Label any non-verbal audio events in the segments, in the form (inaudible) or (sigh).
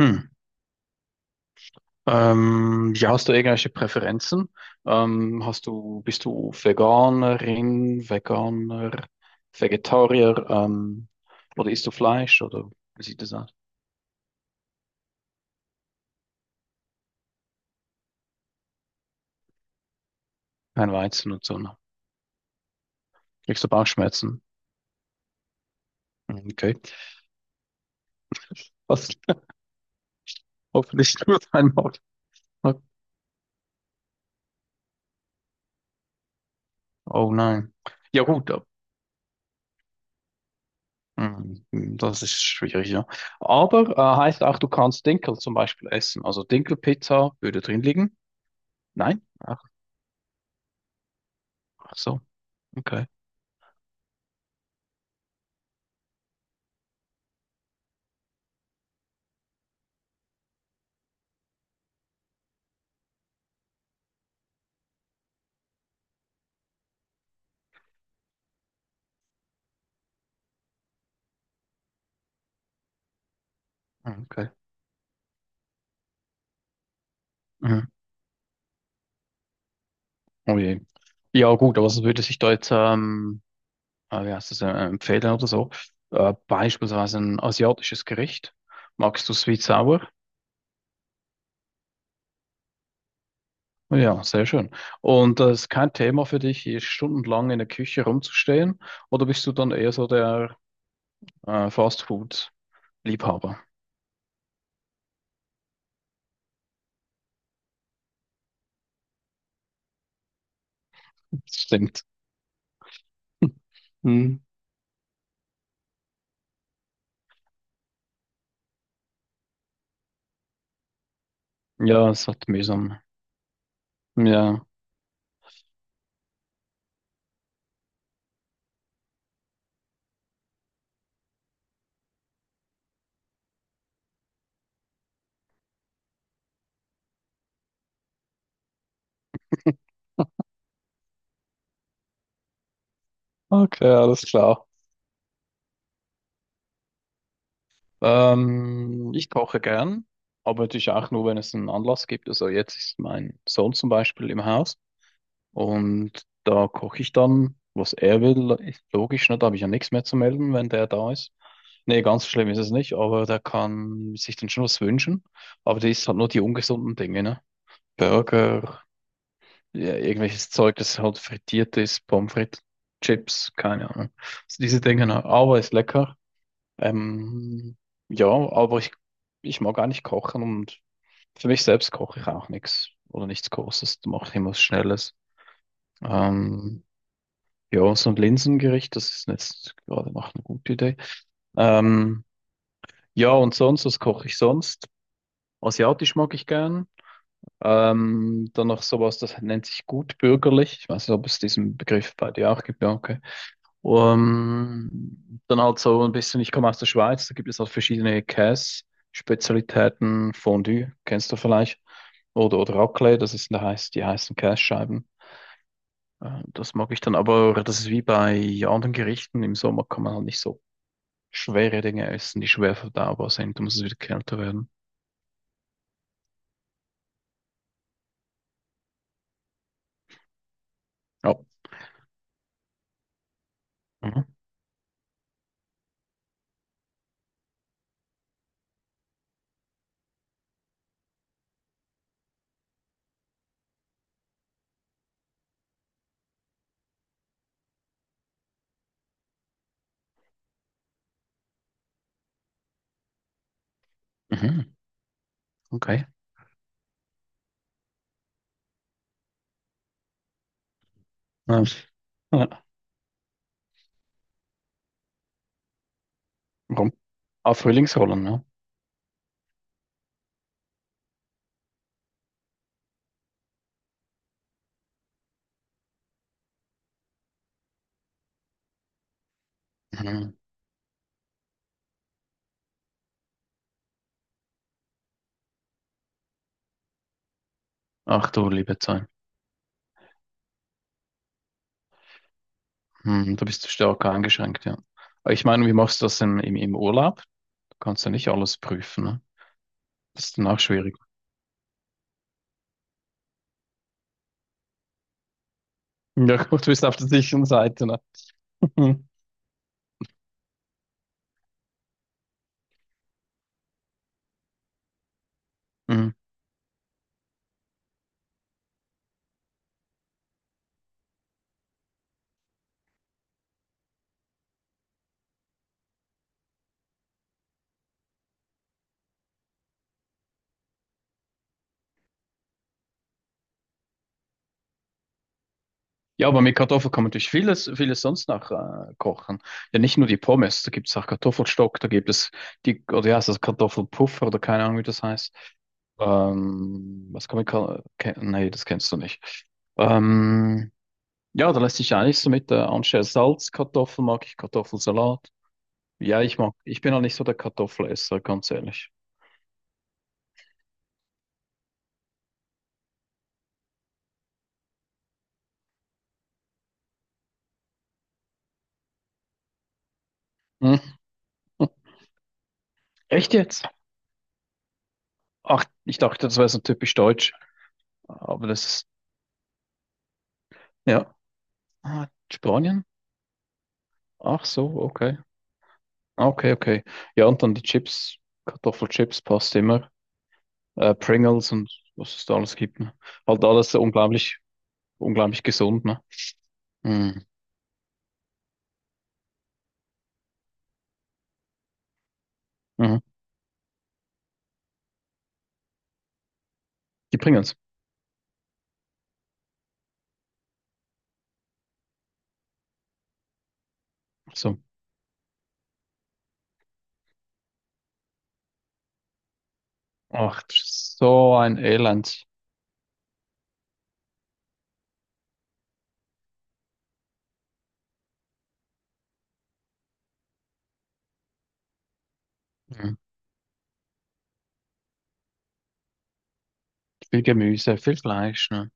Hm. Ja, hast du irgendwelche Präferenzen? Hast du, bist du Veganerin, Veganer, Vegetarier, oder isst du Fleisch oder wie sieht das aus? Kein Weizen und so, ne? Kriegst du Bauchschmerzen? Hm, okay. Was hoffentlich (laughs) nur dein Magen. Oh nein. Ja gut, hm, das ist schwierig, ja. Aber heißt auch, du kannst Dinkel zum Beispiel essen. Also Dinkelpizza würde drin liegen? Nein? Ach, ach so, okay. Hm, okay. Mhm. Oh je. Ja, gut, aber so würde sich da jetzt, wie heißt das, empfehlen oder so? Beispielsweise ein asiatisches Gericht. Magst du Sweet Sour? Ja, sehr schön. Und ist kein Thema für dich, hier stundenlang in der Küche rumzustehen? Oder bist du dann eher so der Fast-Food-Liebhaber? (laughs) Stimmt. Hm. Ja, es hat mühsam. Ja. Okay, alles klar. Ich koche gern, aber natürlich auch nur, wenn es einen Anlass gibt. Also jetzt ist mein Sohn zum Beispiel im Haus und da koche ich dann, was er will. Ist logisch, ne? Da habe ich ja nichts mehr zu melden, wenn der da ist. Nee, ganz so schlimm ist es nicht, aber der kann sich dann schon was wünschen. Aber der isst halt nur die ungesunden Dinge, ne? Burger, ja, irgendwelches Zeug, das halt frittiert ist, Pommes frites, Chips, keine Ahnung. Also diese Dinge, ne? Aber ist lecker. Ähm, ja, aber ich mag eigentlich kochen und für mich selbst koche ich auch nichts oder nichts Großes. Da mache ich immer was Schnelles. Ähm, ja, so ein Linsengericht, das ist jetzt gerade noch eine gute Idee. Ähm, ja, und sonst, was koche ich sonst? Asiatisch mag ich gern. Dann noch sowas, das nennt sich gutbürgerlich. Ich weiß nicht, ob es diesen Begriff bei dir auch gibt. Ja, okay. Dann halt so ein bisschen, ich komme aus der Schweiz, da gibt es halt verschiedene Käse-Spezialitäten, Fondue, kennst du vielleicht, oder Raclette, das ist, heißt, die heißen Kässcheiben. Das mag ich dann, aber das ist wie bei anderen Gerichten, im Sommer kann man halt nicht so schwere Dinge essen, die schwer verdaubar sind, da muss es wieder kälter werden. Ja, mhm. Mhm. Okay. Ja. Ja. Warum? Ah, Frühlingsrollen, ne? Mhm. Ach du liebe Zeit. Hm, da bist du stärker eingeschränkt, ja. Aber ich meine, wie machst du das im Urlaub? Du kannst ja nicht alles prüfen, ne? Das ist dann auch schwierig. (laughs) Ja, gut, du bist auf der sicheren Seite, ne? (laughs) Mhm. Ja, aber mit Kartoffeln kann man natürlich vieles, vieles sonst noch kochen. Ja, nicht nur die Pommes, da gibt es auch Kartoffelstock, da gibt es die, oder ja, das Kartoffelpuffer oder keine Ahnung, wie das heißt. Was kann man, nee, das kennst du nicht. Ähm, ja, da lässt sich eigentlich so mit anstelle Salz, Kartoffeln mag ich Kartoffelsalat. Ja, ich bin auch nicht so der Kartoffelesser, ganz ehrlich. Hm. (laughs) Echt jetzt? Ach, ich dachte, das wäre so typisch deutsch. Aber das ist, ja. Ah, Spanien? Ach so, okay. Ah, okay, okay. Ja, und dann die Chips. Kartoffelchips passt immer. Pringles und was es da alles gibt. Ne? Halt alles so unglaublich, unglaublich gesund, ne? Hm. Mhm. Die Pringles. So. Ach, so ein Elend. Hm. Viel Gemüse, viel Fleisch, ne?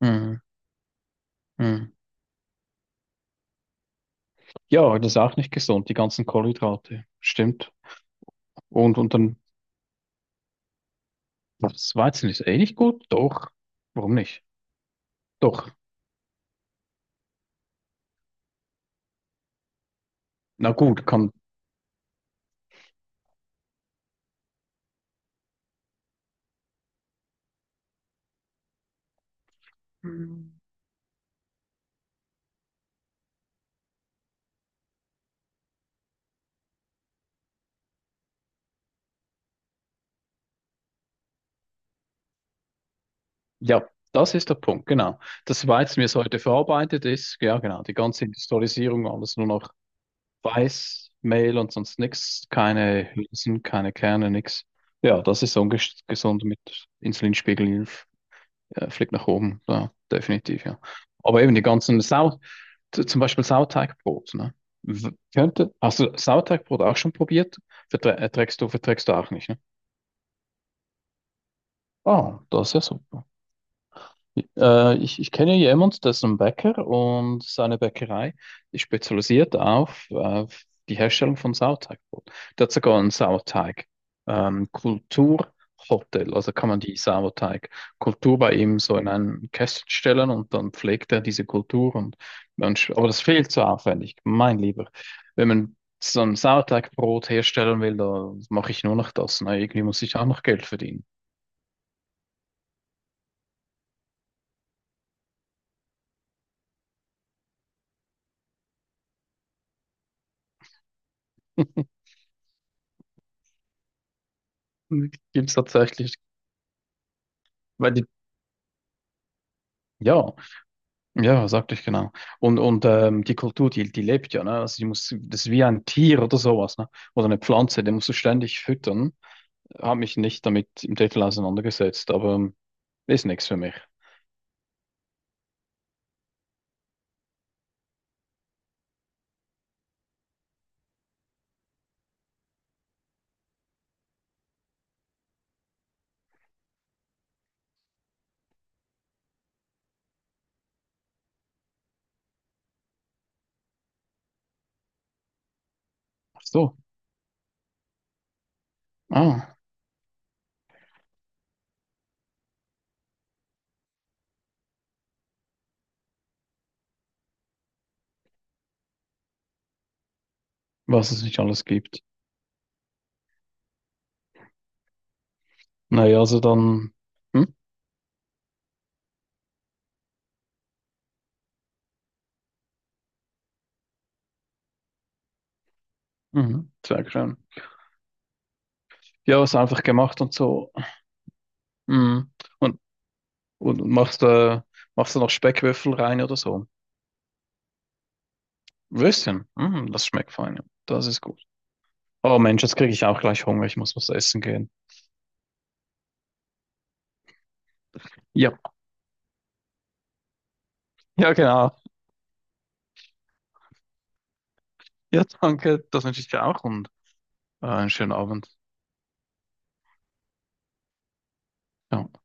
Mhm. Mhm. Ja, das ist auch nicht gesund, die ganzen Kohlenhydrate. Stimmt. Dann, das Weizen ist eh nicht gut? Doch. Warum nicht? Doch. Na gut, kann, ja, das ist der Punkt, genau. Das Weizen, wie es heute verarbeitet ist, ja, genau, die ganze Industrialisierung, alles nur noch Weiß, Mehl und sonst nichts, keine Hülsen, keine Kerne, nichts. Ja, das ist ungesund mit Insulinspiegel fliegt nach oben, klar, definitiv, ja. Aber eben die ganzen Sau, zum Beispiel Sauerteigbrot, ne? Könnte, hast du Sauerteigbrot auch schon probiert? Verträgst du auch nicht, ne? Ah, das ist ja super. Ich kenne jemanden, der ist ein Bäcker und seine Bäckerei ist spezialisiert auf die Herstellung von Sauerteigbrot. Der hat sogar ein Sauerteig, Kulturhotel, also kann man die Sauerteigkultur bei ihm so in einen Kästchen stellen und dann pflegt er diese Kultur und man, aber das ist viel zu aufwendig, mein Lieber. Wenn man so ein Sauerteigbrot herstellen will, da mache ich nur noch das. Na, irgendwie muss ich auch noch Geld verdienen. (laughs) Gibt's tatsächlich, weil die, ja. Ja, sagte ich genau. Und die Kultur, die lebt ja, ne? Also die muss, das ist wie ein Tier oder sowas, ne? Oder eine Pflanze, den musst du ständig füttern. Habe mich nicht damit im Detail auseinandergesetzt, aber ist nichts für mich. Ach so. Ah, was es nicht alles gibt. Naja, also dann. Hm? Mhm, sehr schön. Ja, was einfach gemacht und so. Mhm. Und, und machst, machst du noch Speckwürfel rein oder so. Würstchen. Mhm, das schmeckt fein. Ja. Das ist gut. Oh Mensch, jetzt kriege ich auch gleich Hunger. Ich muss was essen gehen. Ja, ja, genau. Ja, danke. Das wünsche ich dir auch und einen schönen Abend. Ja.